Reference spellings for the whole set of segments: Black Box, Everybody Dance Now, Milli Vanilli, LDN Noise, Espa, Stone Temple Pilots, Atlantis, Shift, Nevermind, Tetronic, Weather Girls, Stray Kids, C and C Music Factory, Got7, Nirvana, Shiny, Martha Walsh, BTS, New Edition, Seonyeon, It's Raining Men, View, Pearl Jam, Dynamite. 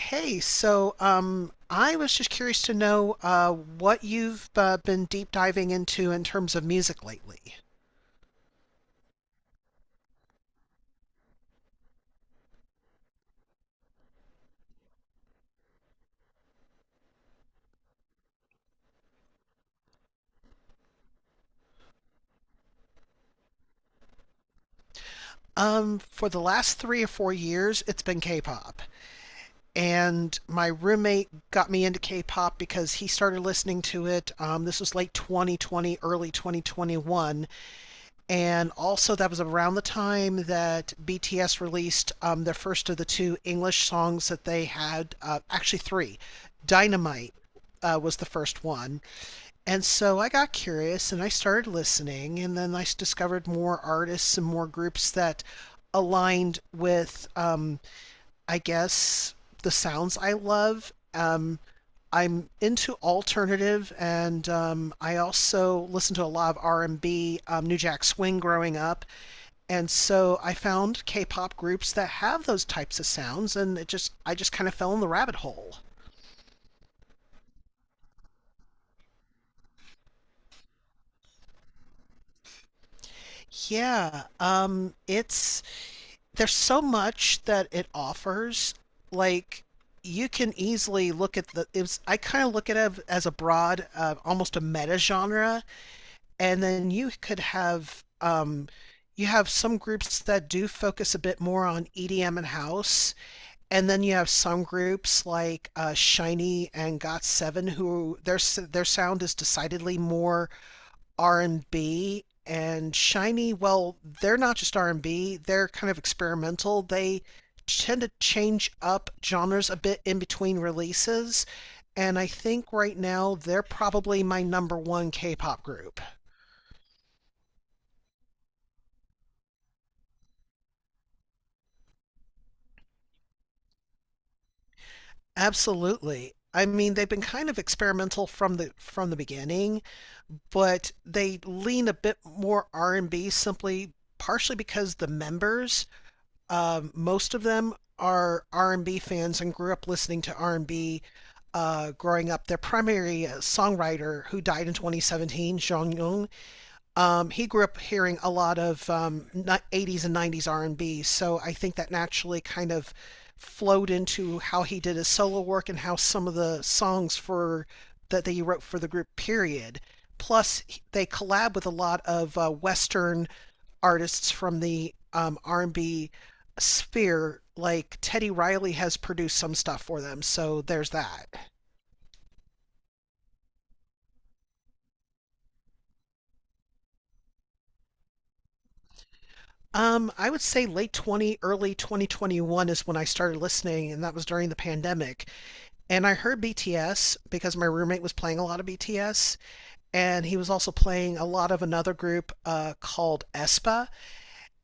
Hey, so I was just curious to know what you've been deep diving into in terms of music lately. For the last 3 or 4 years, it's been K-pop, and my roommate got me into K-pop because he started listening to it. This was late 2020, early 2021. And also, that was around the time that BTS released their first of the two English songs that they had, actually, three. Dynamite was the first one. And so I got curious and I started listening, and then I discovered more artists and more groups that aligned with, I guess, the sounds I love. I'm into alternative, and I also listened to a lot of R&B, New Jack Swing growing up, and so I found K-pop groups that have those types of sounds, and it just I just kind of fell in the rabbit hole. Yeah, it's there's so much that it offers. Like you can easily look at the. I kind of look at it as a broad, almost a meta genre. And then you have some groups that do focus a bit more on EDM and house, and then you have some groups like Shiny and Got7, who their sound is decidedly more R&B and B. And Shiny, well, they're not just R&B, they're kind of experimental. They tend to change up genres a bit in between releases, and I think right now they're probably my number one K-pop group. Absolutely. I mean, they've been kind of experimental from the beginning, but they lean a bit more R&B simply partially because the members, most of them are R&B fans and grew up listening to R&B growing up. Their primary songwriter, who died in 2017, Jeong Young, he grew up hearing a lot of 80s and 90s R&B, so I think that naturally kind of flowed into how he did his solo work and how some of the songs for that they wrote for the group. Period. Plus, they collab with a lot of Western artists from the R&B sphere. Like Teddy Riley has produced some stuff for them, so there's that. I would say late 20, early 2021 is when I started listening, and that was during the pandemic. And I heard BTS because my roommate was playing a lot of BTS, and he was also playing a lot of another group called Espa.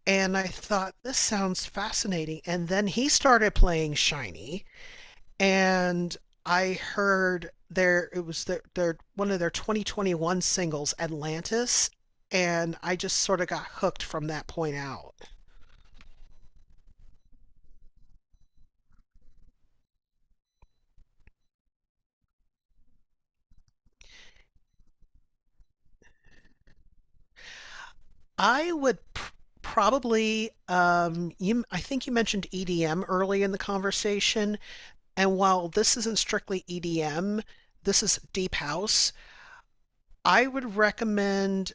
And I thought, this sounds fascinating. And then he started playing Shiny, and I heard their it was their one of their 2021 singles, Atlantis, and I just sort of got hooked from that point out. I would pr probably, I think you mentioned EDM early in the conversation, and while this isn't strictly EDM, this is deep house. I would recommend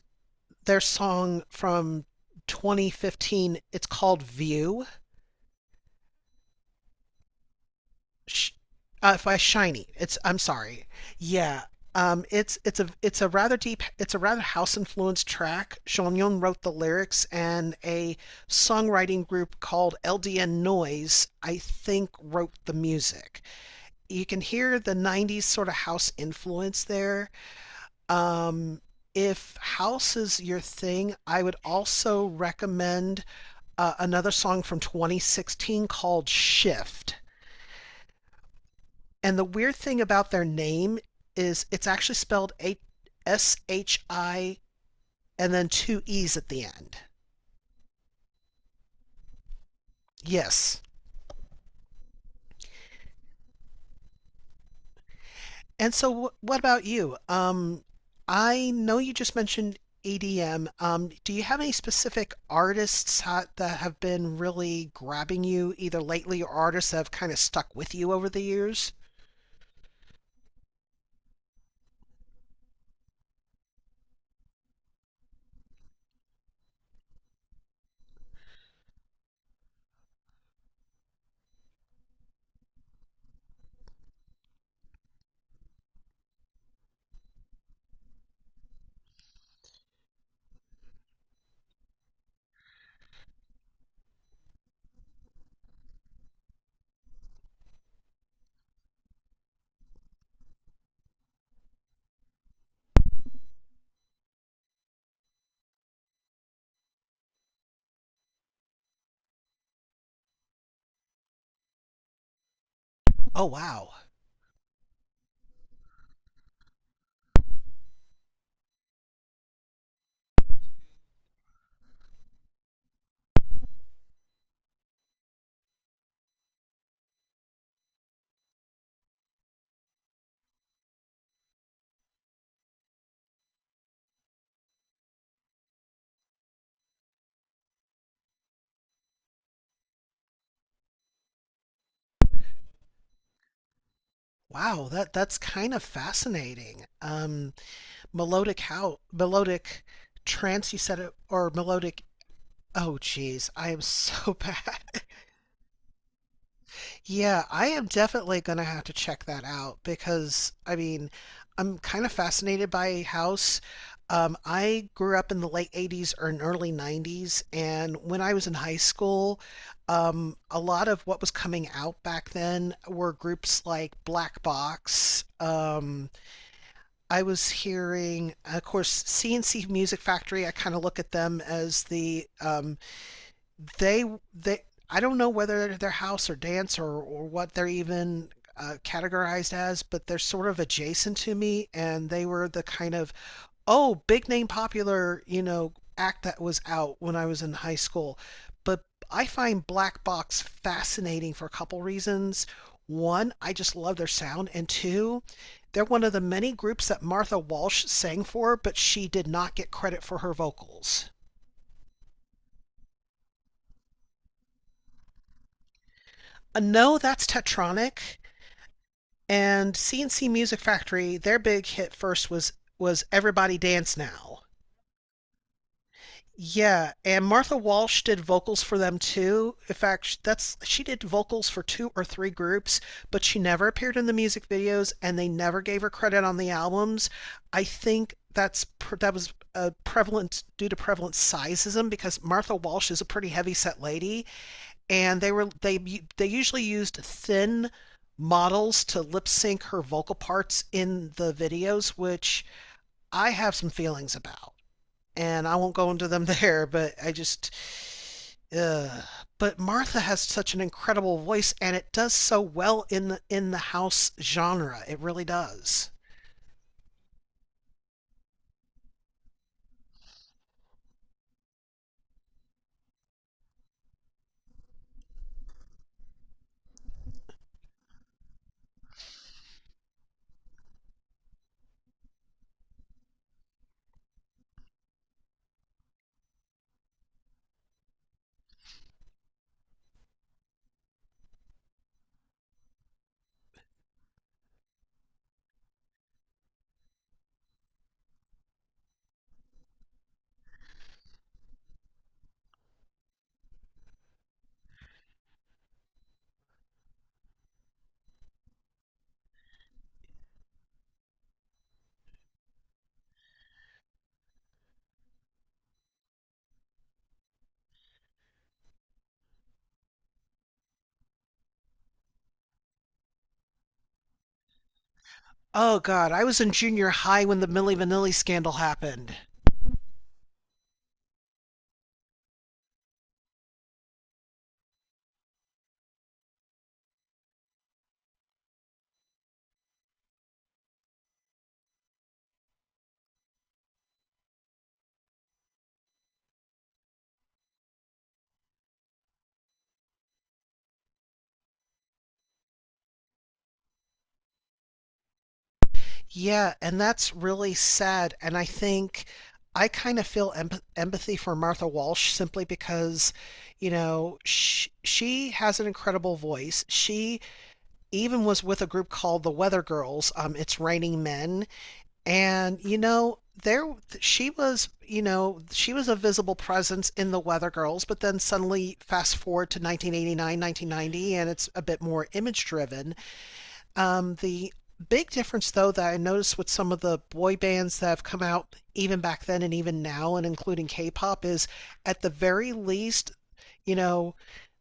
their song from 2015. It's called View. sh- by Shiny. It's I'm sorry. Yeah. It's a rather house influenced track. Seonyeon wrote the lyrics, and a songwriting group called LDN Noise, I think, wrote the music. You can hear the '90s sort of house influence there. Um, if house is your thing, I would also recommend another song from 2016 called Shift. And the weird thing about their name is it's actually spelled S H I and then two E's at the end. Yes. And so, what about you? I know you just mentioned EDM. Do you have any specific artists that have been really grabbing you, either lately or artists that have kind of stuck with you over the years? Oh, wow. Wow, that's kind of fascinating. Melodic, how melodic, trancey, set of, or melodic. Oh geez, I am so bad. Yeah, I am definitely gonna have to check that out because I mean I'm kind of fascinated by house. I grew up in the late 80s or in early 90s, and when I was in high school, a lot of what was coming out back then were groups like Black Box. I was hearing, of course, C and C Music Factory. I kind of look at them as the they they. I don't know whether they're house or dance or what they're even categorized as, but they're sort of adjacent to me, and they were the kind of, oh, big name popular, act that was out when I was in high school. But I find Black Box fascinating for a couple reasons. One, I just love their sound, and two, they're one of the many groups that Martha Walsh sang for, but she did not get credit for her vocals. No, that's Tetronic and CNC Music Factory. Their big hit first was Everybody Dance Now. Yeah, and Martha Walsh did vocals for them too. In fact, that's she did vocals for two or three groups, but she never appeared in the music videos and they never gave her credit on the albums. I think that was a prevalent due to prevalent sizeism because Martha Walsh is a pretty heavy set lady, and they were they usually used thin models to lip sync her vocal parts in the videos, which I have some feelings about, and I won't go into them there, but I just. Uh, but Martha has such an incredible voice, and it does so well in the house genre. It really does. Oh, God. I was in junior high when the Millie Vanilli scandal happened. Yeah, and that's really sad. And I think I kind of feel empathy for Martha Walsh simply because, she has an incredible voice. She even was with a group called the Weather Girls. It's Raining Men. And there she was, she was a visible presence in the Weather Girls, but then suddenly fast forward to 1989, 1990, and it's a bit more image driven. The big difference, though, that I noticed with some of the boy bands that have come out even back then and even now and including K-pop is, at the very least, you know,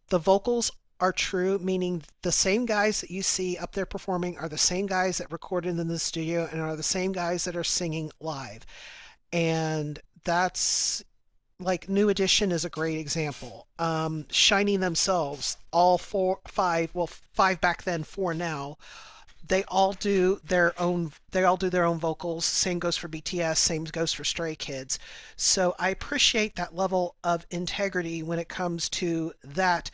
the vocals are true, meaning the same guys that you see up there performing are the same guys that recorded in the studio and are the same guys that are singing live. And that's, like, New Edition is a great example. Shining themselves, all four, five, well, five back then, four now. They all do their own vocals. Same goes for BTS. Same goes for Stray Kids. So I appreciate that level of integrity when it comes to that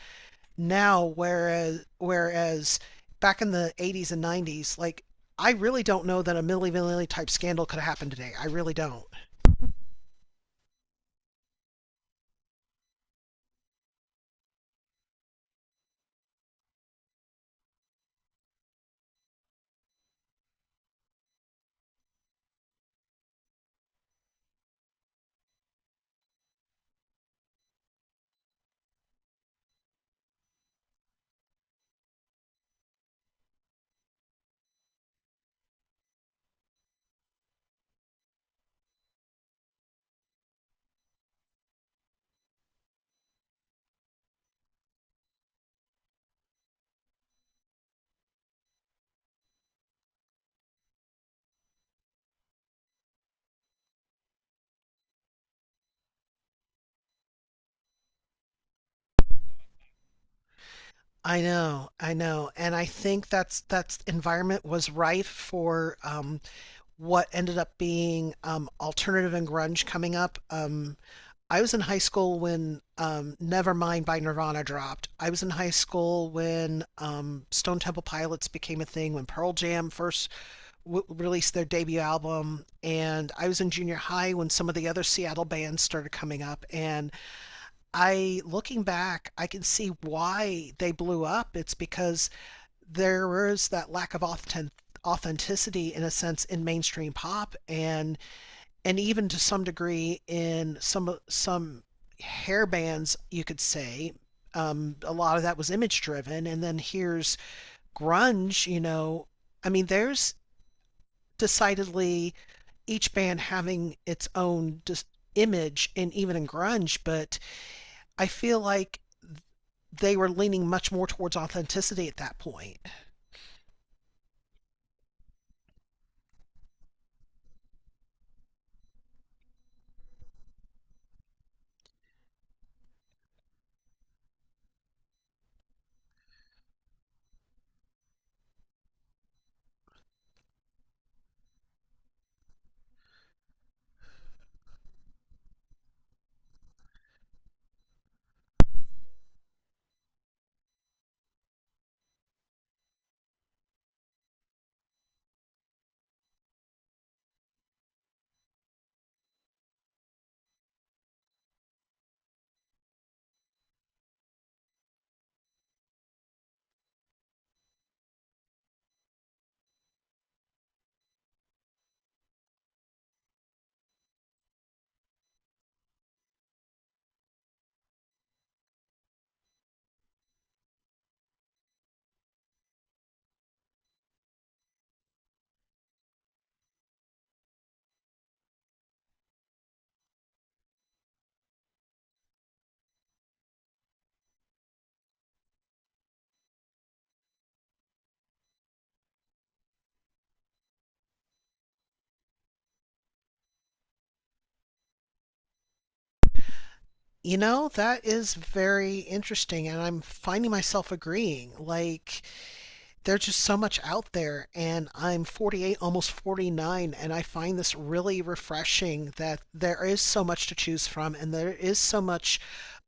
now, whereas back in the 80s and 90s, like, I really don't know that a Milli Vanilli type scandal could happen today. I really don't. I know, and I think that's environment was rife for what ended up being alternative and grunge coming up. I was in high school when Nevermind by Nirvana dropped. I was in high school when Stone Temple Pilots became a thing, when Pearl Jam first released their debut album, and I was in junior high when some of the other Seattle bands started coming up. And I looking back, I can see why they blew up. It's because there was that lack of authenticity in a sense in mainstream pop, and even to some degree in some hair bands, you could say. A lot of that was image driven, and then here's grunge. I mean, there's decidedly each band having its own just image, and even in grunge, but I feel like they were leaning much more towards authenticity at that point. That is very interesting, and I'm finding myself agreeing. Like, there's just so much out there, and I'm 48, almost 49, and I find this really refreshing that there is so much to choose from, and there is so much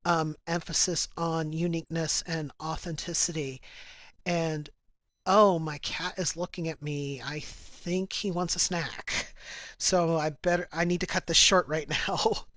emphasis on uniqueness and authenticity. And, oh, my cat is looking at me. I think he wants a snack. So I need to cut this short right now.